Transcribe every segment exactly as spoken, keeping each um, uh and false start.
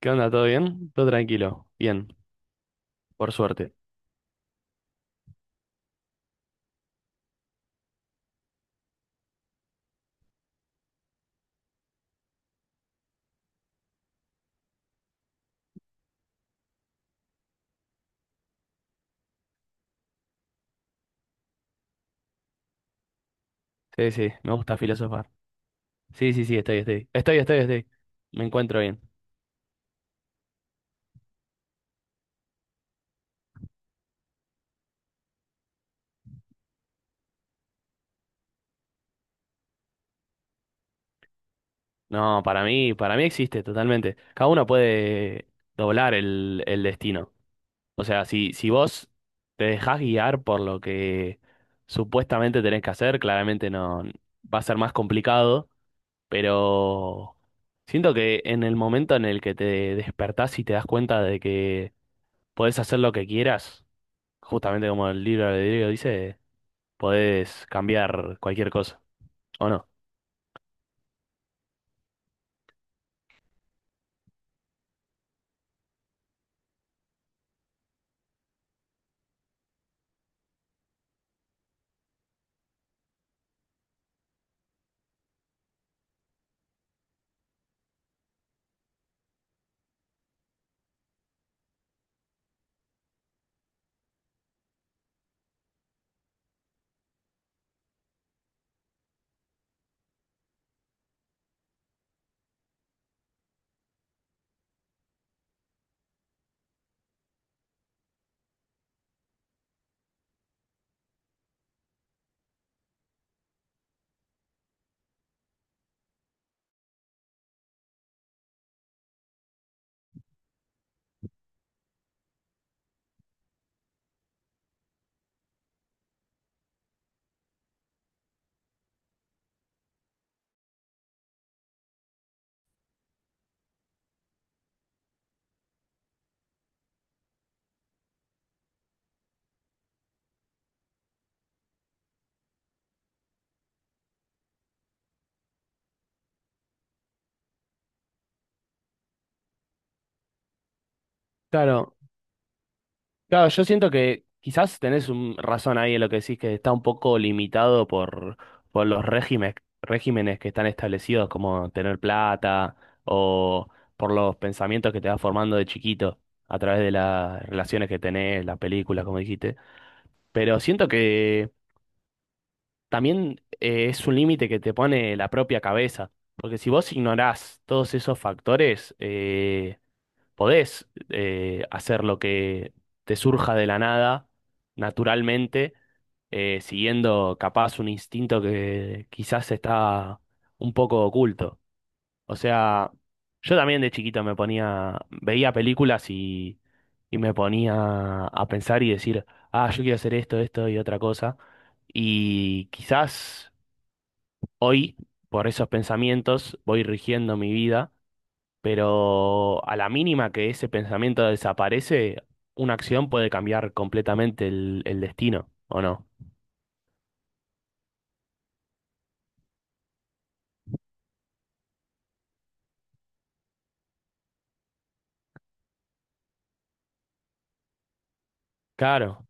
¿Qué onda? ¿Todo bien? Todo tranquilo. Bien, por suerte. Sí, sí, me gusta filosofar. Sí, sí, sí, estoy, estoy. Estoy, estoy, estoy. Me encuentro bien. No, para mí, para mí existe totalmente. Cada uno puede doblar el, el destino. O sea, si, si vos te dejás guiar por lo que supuestamente tenés que hacer, claramente no va a ser más complicado, pero siento que en el momento en el que te despertás y te das cuenta de que podés hacer lo que quieras. Justamente como el libro de Diego dice, podés cambiar cualquier cosa, ¿o no? Claro, claro, yo siento que quizás tenés un razón ahí en lo que decís que está un poco limitado por, por los regímenes, regímenes que están establecidos, como tener plata o por los pensamientos que te vas formando de chiquito a través de las relaciones que tenés, las películas, como dijiste. Pero siento que también eh, es un límite que te pone la propia cabeza, porque si vos ignorás todos esos factores, eh, podés eh, hacer lo que te surja de la nada, naturalmente, eh, siguiendo capaz un instinto que quizás está un poco oculto. O sea, yo también de chiquito me ponía, veía películas y, y me ponía a pensar y decir, ah, yo quiero hacer esto, esto y otra cosa. Y quizás hoy, por esos pensamientos, voy rigiendo mi vida, pero a la mínima que ese pensamiento desaparece, una acción puede cambiar completamente el, el destino, ¿o no? Claro,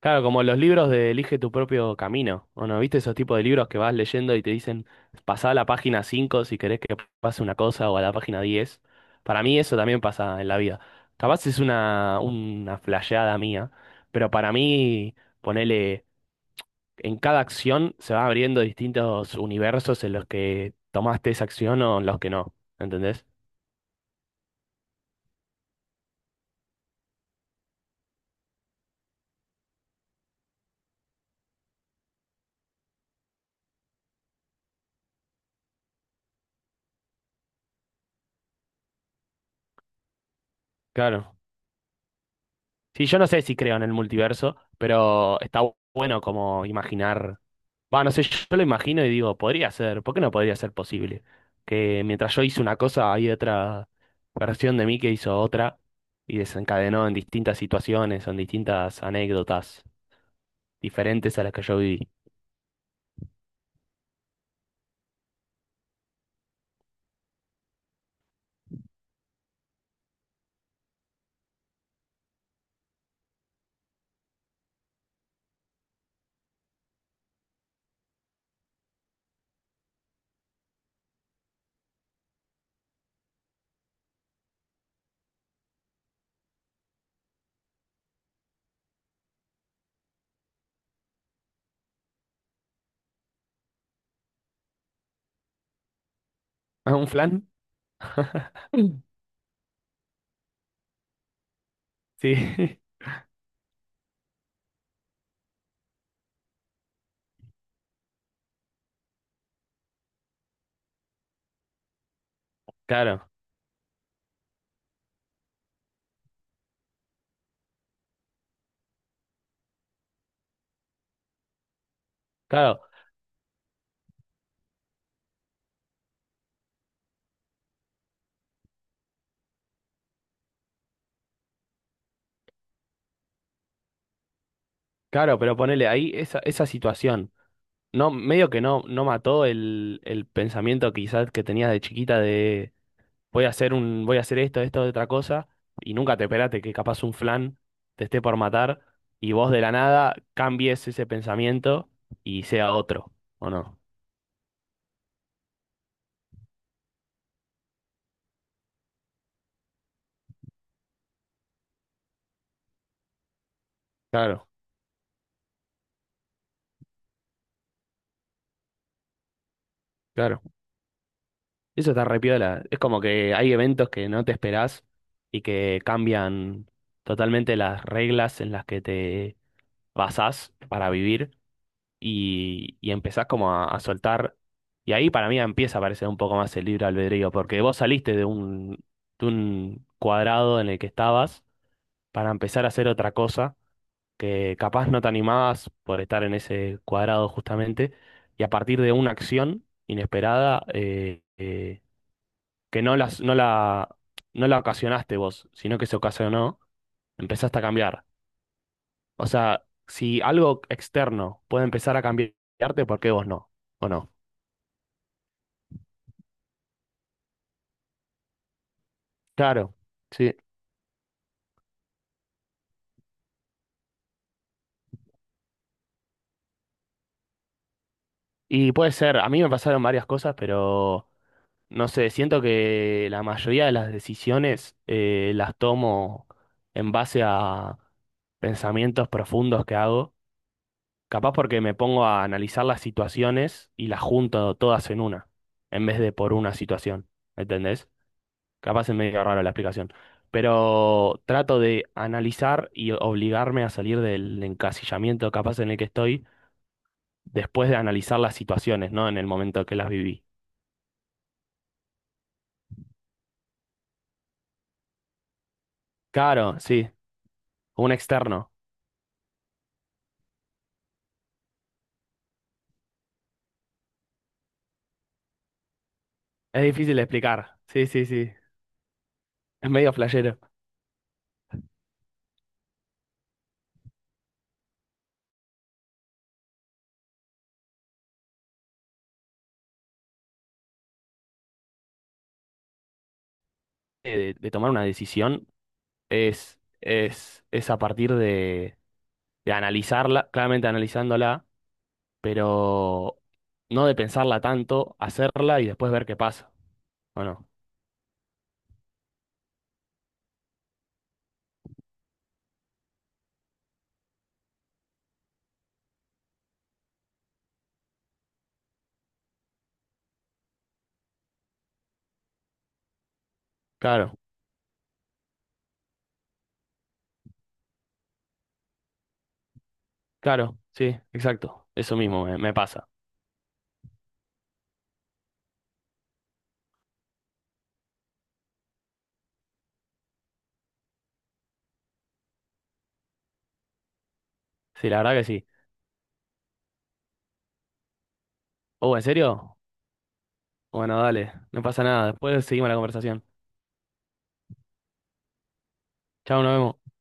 claro, como los libros de Elige tu propio camino, ¿o no? ¿Viste esos tipos de libros que vas leyendo y te dicen, pasá a la página cinco si querés que pase una cosa o a la página diez? Para mí eso también pasa en la vida. Capaz es una, una flasheada mía, pero para mí, ponele, en cada acción se va abriendo distintos universos en los que tomaste esa acción o en los que no, ¿entendés? Claro. Sí, yo no sé si creo en el multiverso, pero está bu- bueno como imaginar. Va, no sé, yo lo imagino y digo, podría ser, ¿por qué no podría ser posible? Que mientras yo hice una cosa, hay otra versión de mí que hizo otra y desencadenó en distintas situaciones, o en distintas anécdotas diferentes a las que yo viví. ¿Ah, un flan? Sí, claro, claro. Claro, pero ponele ahí esa, esa situación. No, medio que no, no mató el, el pensamiento quizás que tenías de chiquita de voy a hacer un, voy a hacer esto, esto, otra cosa, y nunca te esperaste que capaz un flan te esté por matar y vos de la nada cambies ese pensamiento y sea otro, ¿o no? Claro, claro. Eso está re piola. Es como que hay eventos que no te esperás y que cambian totalmente las reglas en las que te basás para vivir y, y empezás como a, a soltar. Y ahí para mí empieza a aparecer un poco más el libre albedrío, porque vos saliste de un, de un cuadrado en el que estabas para empezar a hacer otra cosa que capaz no te animabas por estar en ese cuadrado justamente, y a partir de una acción inesperada eh, eh, que no las, no la, no la ocasionaste vos, sino que se ocasionó, empezaste a cambiar. O sea, si algo externo puede empezar a cambiarte, ¿por qué vos no? ¿O no? Claro, sí. Y puede ser, a mí me pasaron varias cosas, pero no sé, siento que la mayoría de las decisiones eh, las tomo en base a pensamientos profundos que hago, capaz porque me pongo a analizar las situaciones y las junto todas en una, en vez de por una situación, ¿entendés? Capaz es medio raro la explicación, pero trato de analizar y obligarme a salir del encasillamiento capaz en el que estoy después de analizar las situaciones, ¿no? En el momento que las viví. Claro, sí, un externo. Es difícil de explicar. Sí, sí, sí. Es medio flashero. Eh, De, de tomar una decisión es, es, es a partir de, de analizarla, claramente analizándola, pero no de pensarla tanto, hacerla y después ver qué pasa. Bueno, claro, claro, sí, exacto. Eso mismo me, me pasa. Sí, la verdad que sí. Oh, ¿en serio? Bueno, dale, no pasa nada. Después seguimos la conversación. Chao, nos vemos.